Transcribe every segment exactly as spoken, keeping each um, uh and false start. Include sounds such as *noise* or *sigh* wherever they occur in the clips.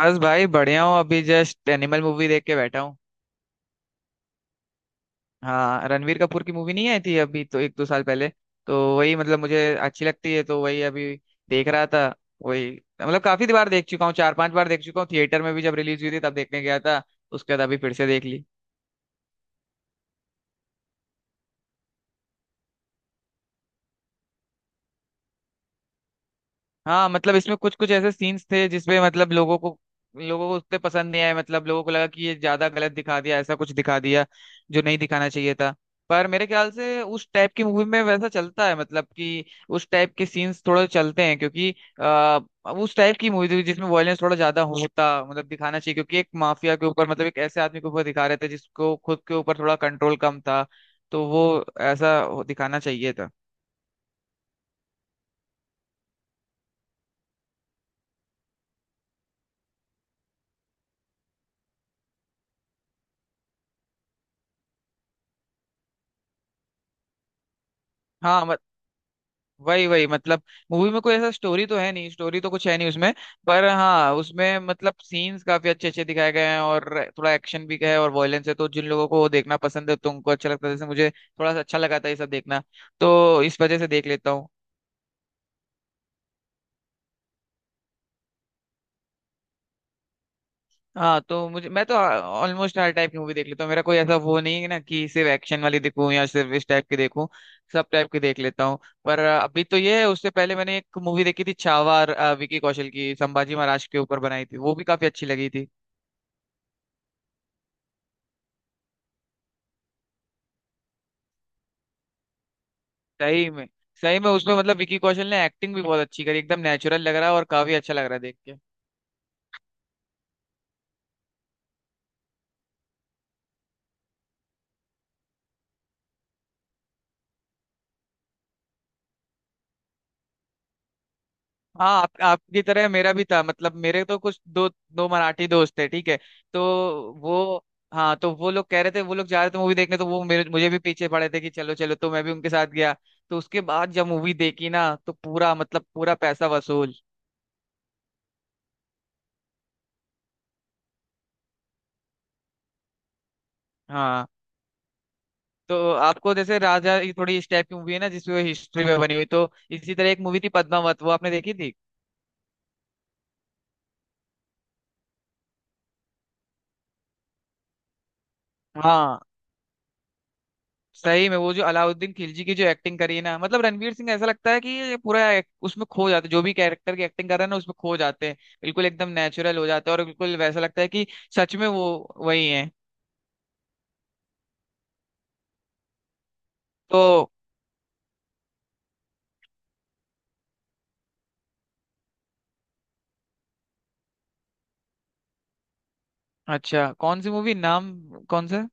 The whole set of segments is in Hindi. बस भाई बढ़िया हूँ। अभी जस्ट एनिमल मूवी देख के बैठा हूँ। हाँ, रणवीर कपूर की मूवी नहीं आई थी अभी तो एक दो साल पहले। तो वही, मतलब मुझे अच्छी लगती है तो वही अभी देख रहा था। वही, मतलब काफी बार देख चुका हूँ, चार पांच बार देख चुका हूँ। थिएटर में भी जब रिलीज हुई थी तब देखने गया था। उसके बाद अभी फिर से देख ली। हाँ, मतलब इसमें कुछ कुछ ऐसे सीन्स थे जिसमें मतलब लोगों को लोगों को उतने पसंद नहीं आए। मतलब लोगों को लगा कि ये ज्यादा गलत दिखा दिया, ऐसा कुछ दिखा दिया जो नहीं दिखाना चाहिए था। पर मेरे ख्याल से उस टाइप की मूवी में वैसा चलता है, मतलब कि उस टाइप के सीन्स थोड़े चलते हैं क्योंकि आ, उस टाइप की मूवी थी जिसमें वॉयलेंस थोड़ा ज्यादा होता, मतलब दिखाना चाहिए क्योंकि एक माफिया के ऊपर, मतलब एक ऐसे आदमी के ऊपर दिखा रहे थे जिसको खुद के ऊपर थोड़ा कंट्रोल कम था। तो वो ऐसा दिखाना चाहिए था। हाँ वही वही, मतलब मूवी में कोई ऐसा स्टोरी तो है नहीं, स्टोरी तो कुछ है नहीं उसमें। पर हाँ, उसमें मतलब सीन्स काफी अच्छे अच्छे दिखाए गए हैं और थोड़ा एक्शन भी है और वायलेंस है, तो जिन लोगों को वो देखना पसंद है तो उनको अच्छा लगता है। जैसे मुझे थोड़ा सा अच्छा लगा था ये सब देखना, तो इस वजह से देख लेता हूँ। हाँ तो मुझे मैं तो ऑलमोस्ट हर टाइप की मूवी देख लेता हूँ। मेरा कोई ऐसा वो नहीं है ना कि सिर्फ एक्शन वाली देखूँ या सिर्फ इस टाइप की देखूँ। सब टाइप की देख लेता हूँ। पर अ, अभी तो ये है। उससे पहले मैंने एक मूवी देखी थी, छावा, अ, विकी कौशल की, संभाजी महाराज के ऊपर बनाई थी, वो भी काफी अच्छी लगी थी। सही में, सही में उसमें मतलब विकी कौशल ने एक्टिंग भी बहुत अच्छी करी। एकदम नेचुरल लग रहा है और काफी अच्छा लग रहा है देख के। हाँ, आप आपकी तरह मेरा भी था। मतलब मेरे तो कुछ दो दो मराठी दोस्त थे, ठीक है। तो वो हाँ तो वो लोग कह रहे थे, वो लोग जा रहे थे मूवी देखने, तो वो मेरे मुझे भी पीछे पड़े थे कि चलो चलो, तो मैं भी उनके साथ गया। तो उसके बाद जब मूवी देखी ना तो पूरा, मतलब पूरा पैसा वसूल। हाँ तो आपको जैसे राजा, ये थोड़ी इस टाइप की मूवी है ना जिसमें हिस्ट्री में बनी हुई। तो इसी तरह एक मूवी थी पद्मावत, वो आपने देखी थी। हाँ, सही में वो जो अलाउद्दीन खिलजी की जो एक्टिंग करी है ना, मतलब रणवीर सिंह, ऐसा लगता है कि ये पूरा एक- उसमें खो जाते, जो भी कैरेक्टर की एक्टिंग कर रहा है ना उसमें खो जाते हैं, बिल्कुल एकदम नेचुरल हो जाते हैं और बिल्कुल वैसा लगता है कि सच में वो वही है। तो अच्छा, कौन सी मूवी, नाम कौन सा?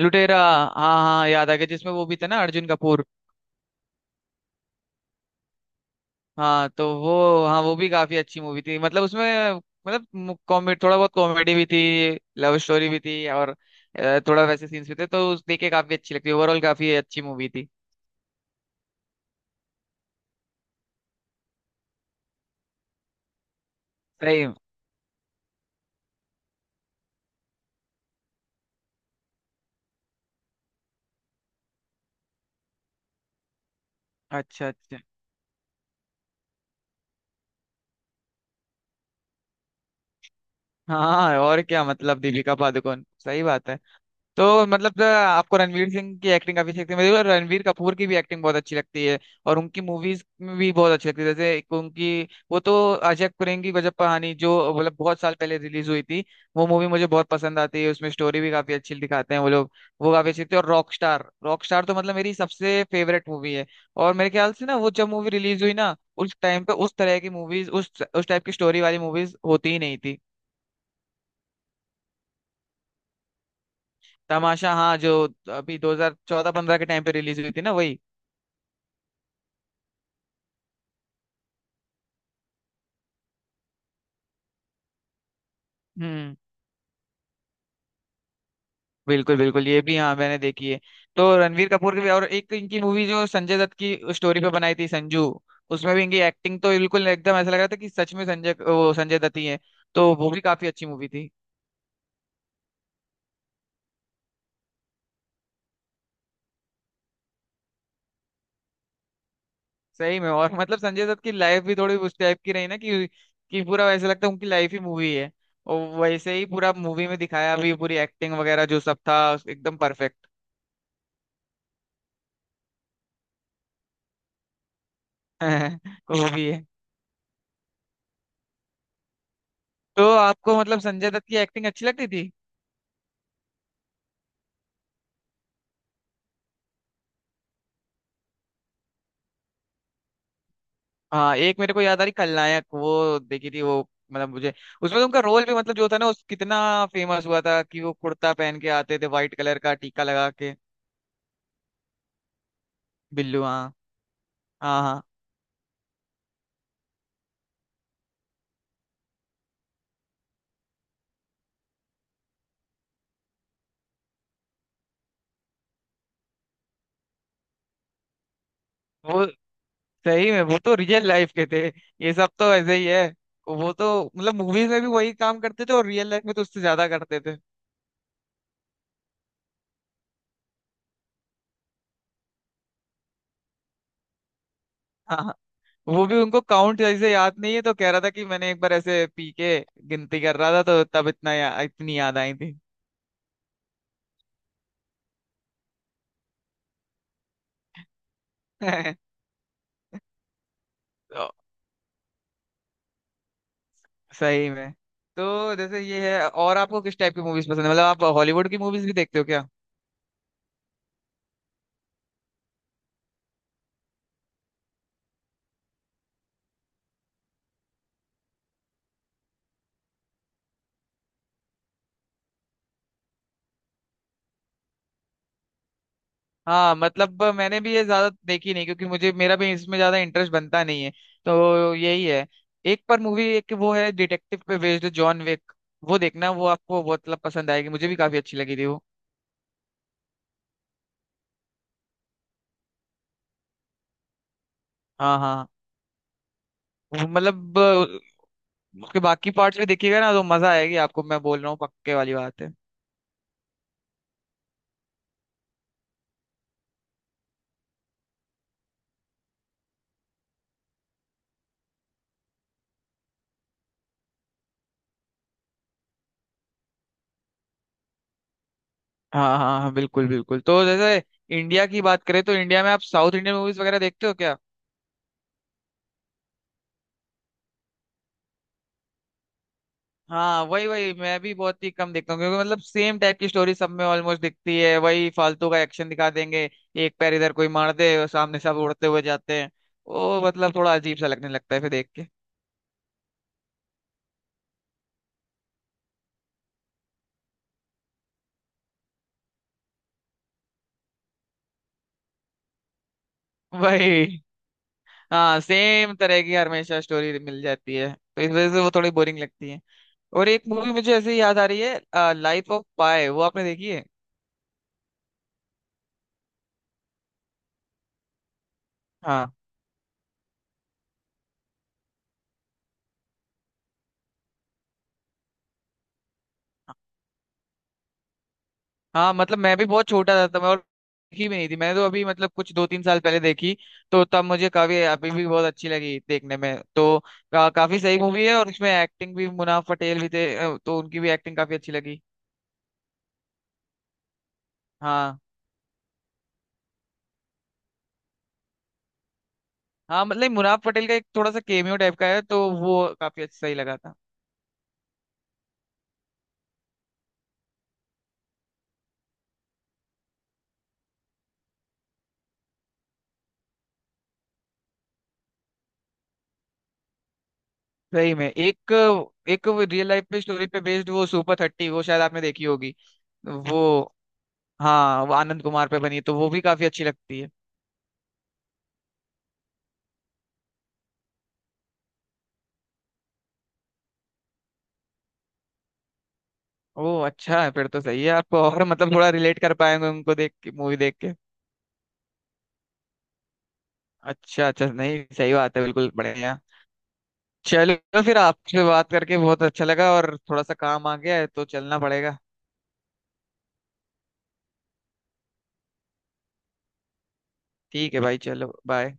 लुटेरा? हाँ हाँ, याद आ गया, जिसमें वो भी था ना, अर्जुन कपूर। हाँ तो वो हाँ वो भी काफी अच्छी मूवी थी। मतलब उसमें, मतलब कॉमेडी, थोड़ा बहुत कॉमेडी भी थी, लव स्टोरी भी थी और अ, थोड़ा वैसे सीन्स भी थे, तो उस देख के काफी अच्छी लगती है। ओवरऑल काफी अच्छी मूवी थी। सही। अच्छा अच्छा। हाँ, और क्या, मतलब दीपिका पादुकोण, सही बात है। तो मतलब अ, आपको रणवीर सिंह की एक्टिंग काफी अच्छी लगती है, मुझे रणवीर कपूर की भी एक्टिंग बहुत अच्छी लगती है। और उनकी मूवीज में भी बहुत अच्छी लगती है। जैसे एक उनकी, वो तो, अजब करेंगी गजब कहानी, जो मतलब बहुत साल पहले रिलीज हुई थी, वो मूवी मुझे बहुत पसंद आती है। उसमें स्टोरी भी काफी अच्छी दिखाते हैं वो लोग। वो काफी अच्छी थी। और रॉक स्टार, रॉक स्टार तो मतलब मेरी सबसे फेवरेट मूवी है। और मेरे ख्याल से ना, वो जब मूवी रिलीज हुई ना उस टाइम पे उस तरह की मूवीज, उस उस टाइप की स्टोरी वाली मूवीज होती ही नहीं थी। तमाशा, हाँ, जो अभी दो हज़ार चौदह-पंद्रह के टाइम पे रिलीज हुई थी ना, वही। हम्म, बिल्कुल बिल्कुल, ये भी हाँ मैंने देखी है। तो रणवीर कपूर की भी, और एक इनकी मूवी जो संजय दत्त की स्टोरी पे बनाई थी, संजू। उसमें भी इनकी एक्टिंग तो बिल्कुल एकदम, ऐसा लग रहा था कि सच में संजय वो संजय दत्त ही है। तो वो भी काफी अच्छी मूवी थी। सही में, और मतलब संजय दत्त की लाइफ भी थोड़ी उस टाइप की रही ना, कि कि पूरा ऐसा लगता है उनकी लाइफ ही मूवी है। और वैसे ही पूरा मूवी में दिखाया भी, पूरी एक्टिंग वगैरह जो सब था, एकदम परफेक्ट। *laughs* वो भी है। तो आपको मतलब संजय दत्त की एक्टिंग अच्छी लगती। हाँ, एक मेरे को याद आ रही, खलनायक, वो देखी थी वो, मतलब मुझे उसमें तो उनका रोल भी, मतलब जो था ना उस, कितना फेमस हुआ था कि वो कुर्ता पहन के आते थे, व्हाइट कलर का टीका लगा के। बिल्लू, हाँ हाँ हाँ। वो सही में, वो तो रियल लाइफ के थे। ये सब तो ऐसे ही है। वो तो मतलब मूवीज में भी वही काम करते थे और रियल लाइफ में तो उससे ज्यादा करते थे। हाँ हाँ, वो भी उनको काउंट जैसे याद नहीं है, तो कह रहा था कि मैंने एक बार ऐसे पी के गिनती कर रहा था, तो तब इतना या, इतनी याद आई थी। *laughs* सही में। तो जैसे ये है, और आपको किस टाइप की मूवीज पसंद है? मतलब आप हॉलीवुड की मूवीज भी देखते हो क्या? हाँ, मतलब मैंने भी ये ज्यादा देखी नहीं क्योंकि मुझे मेरा भी इसमें ज्यादा इंटरेस्ट बनता नहीं है। तो यही है। एक पर मूवी, एक वो है डिटेक्टिव पे बेस्ड, जॉन विक, वो देखना, वो आपको बहुत मतलब पसंद आएगी। मुझे भी काफी अच्छी लगी थी वो। हाँ हाँ, वो मतलब अ, उसके बाकी पार्ट्स भी देखिएगा ना तो मजा आएगी आपको। मैं बोल रहा हूँ, पक्के वाली बात है। हाँ हाँ हाँ, बिल्कुल बिल्कुल। तो जैसे इंडिया की बात करें तो इंडिया में आप साउथ इंडियन मूवीज वगैरह देखते हो क्या? हाँ वही वही, मैं भी बहुत ही कम देखता हूँ क्योंकि मतलब सेम टाइप की स्टोरी सब में ऑलमोस्ट दिखती है। वही फालतू का एक्शन दिखा देंगे, एक पैर इधर कोई मार दे और सामने सब उड़ते हुए जाते हैं। वो मतलब थोड़ा अजीब सा लगने लगता है फिर देख के। वही, हाँ, सेम तरह की हमेशा स्टोरी मिल जाती है तो इस वजह से वो थोड़ी बोरिंग लगती है। और एक मूवी मुझे ऐसे ही याद आ रही है, लाइफ ऑफ पाई, वो आपने देखी है। हाँ हाँ, मतलब मैं भी बहुत छोटा था तब, और देखी भी नहीं थी मैंने तो, अभी मतलब कुछ दो तीन साल पहले देखी। तो तब मुझे काफी, अभी भी बहुत अच्छी लगी देखने में, तो का, काफी सही मूवी है। और उसमें एक्टिंग भी, मुनाफ पटेल भी थे, अ, तो उनकी भी एक्टिंग काफी अच्छी लगी। हाँ हाँ, मतलब मुनाफ पटेल का एक थोड़ा सा केमियो टाइप का है, तो वो काफी अच्छा, सही लगा था। सही में, एक एक रियल लाइफ पे, स्टोरी पे बेस्ड, वो सुपर थर्टी, वो शायद आपने देखी होगी। वो हाँ, वो आनंद कुमार पे बनी है, तो वो भी काफी अच्छी लगती है। ओ अच्छा, फिर तो सही है आपको, और मतलब थोड़ा रिलेट कर पाएंगे उनको देख के, मूवी देख के। अच्छा अच्छा, नहीं सही बात है, बिल्कुल बढ़िया। चलो फिर आपसे बात करके बहुत अच्छा लगा, और थोड़ा सा काम आ गया है तो चलना पड़ेगा। ठीक है भाई, चलो, बाय।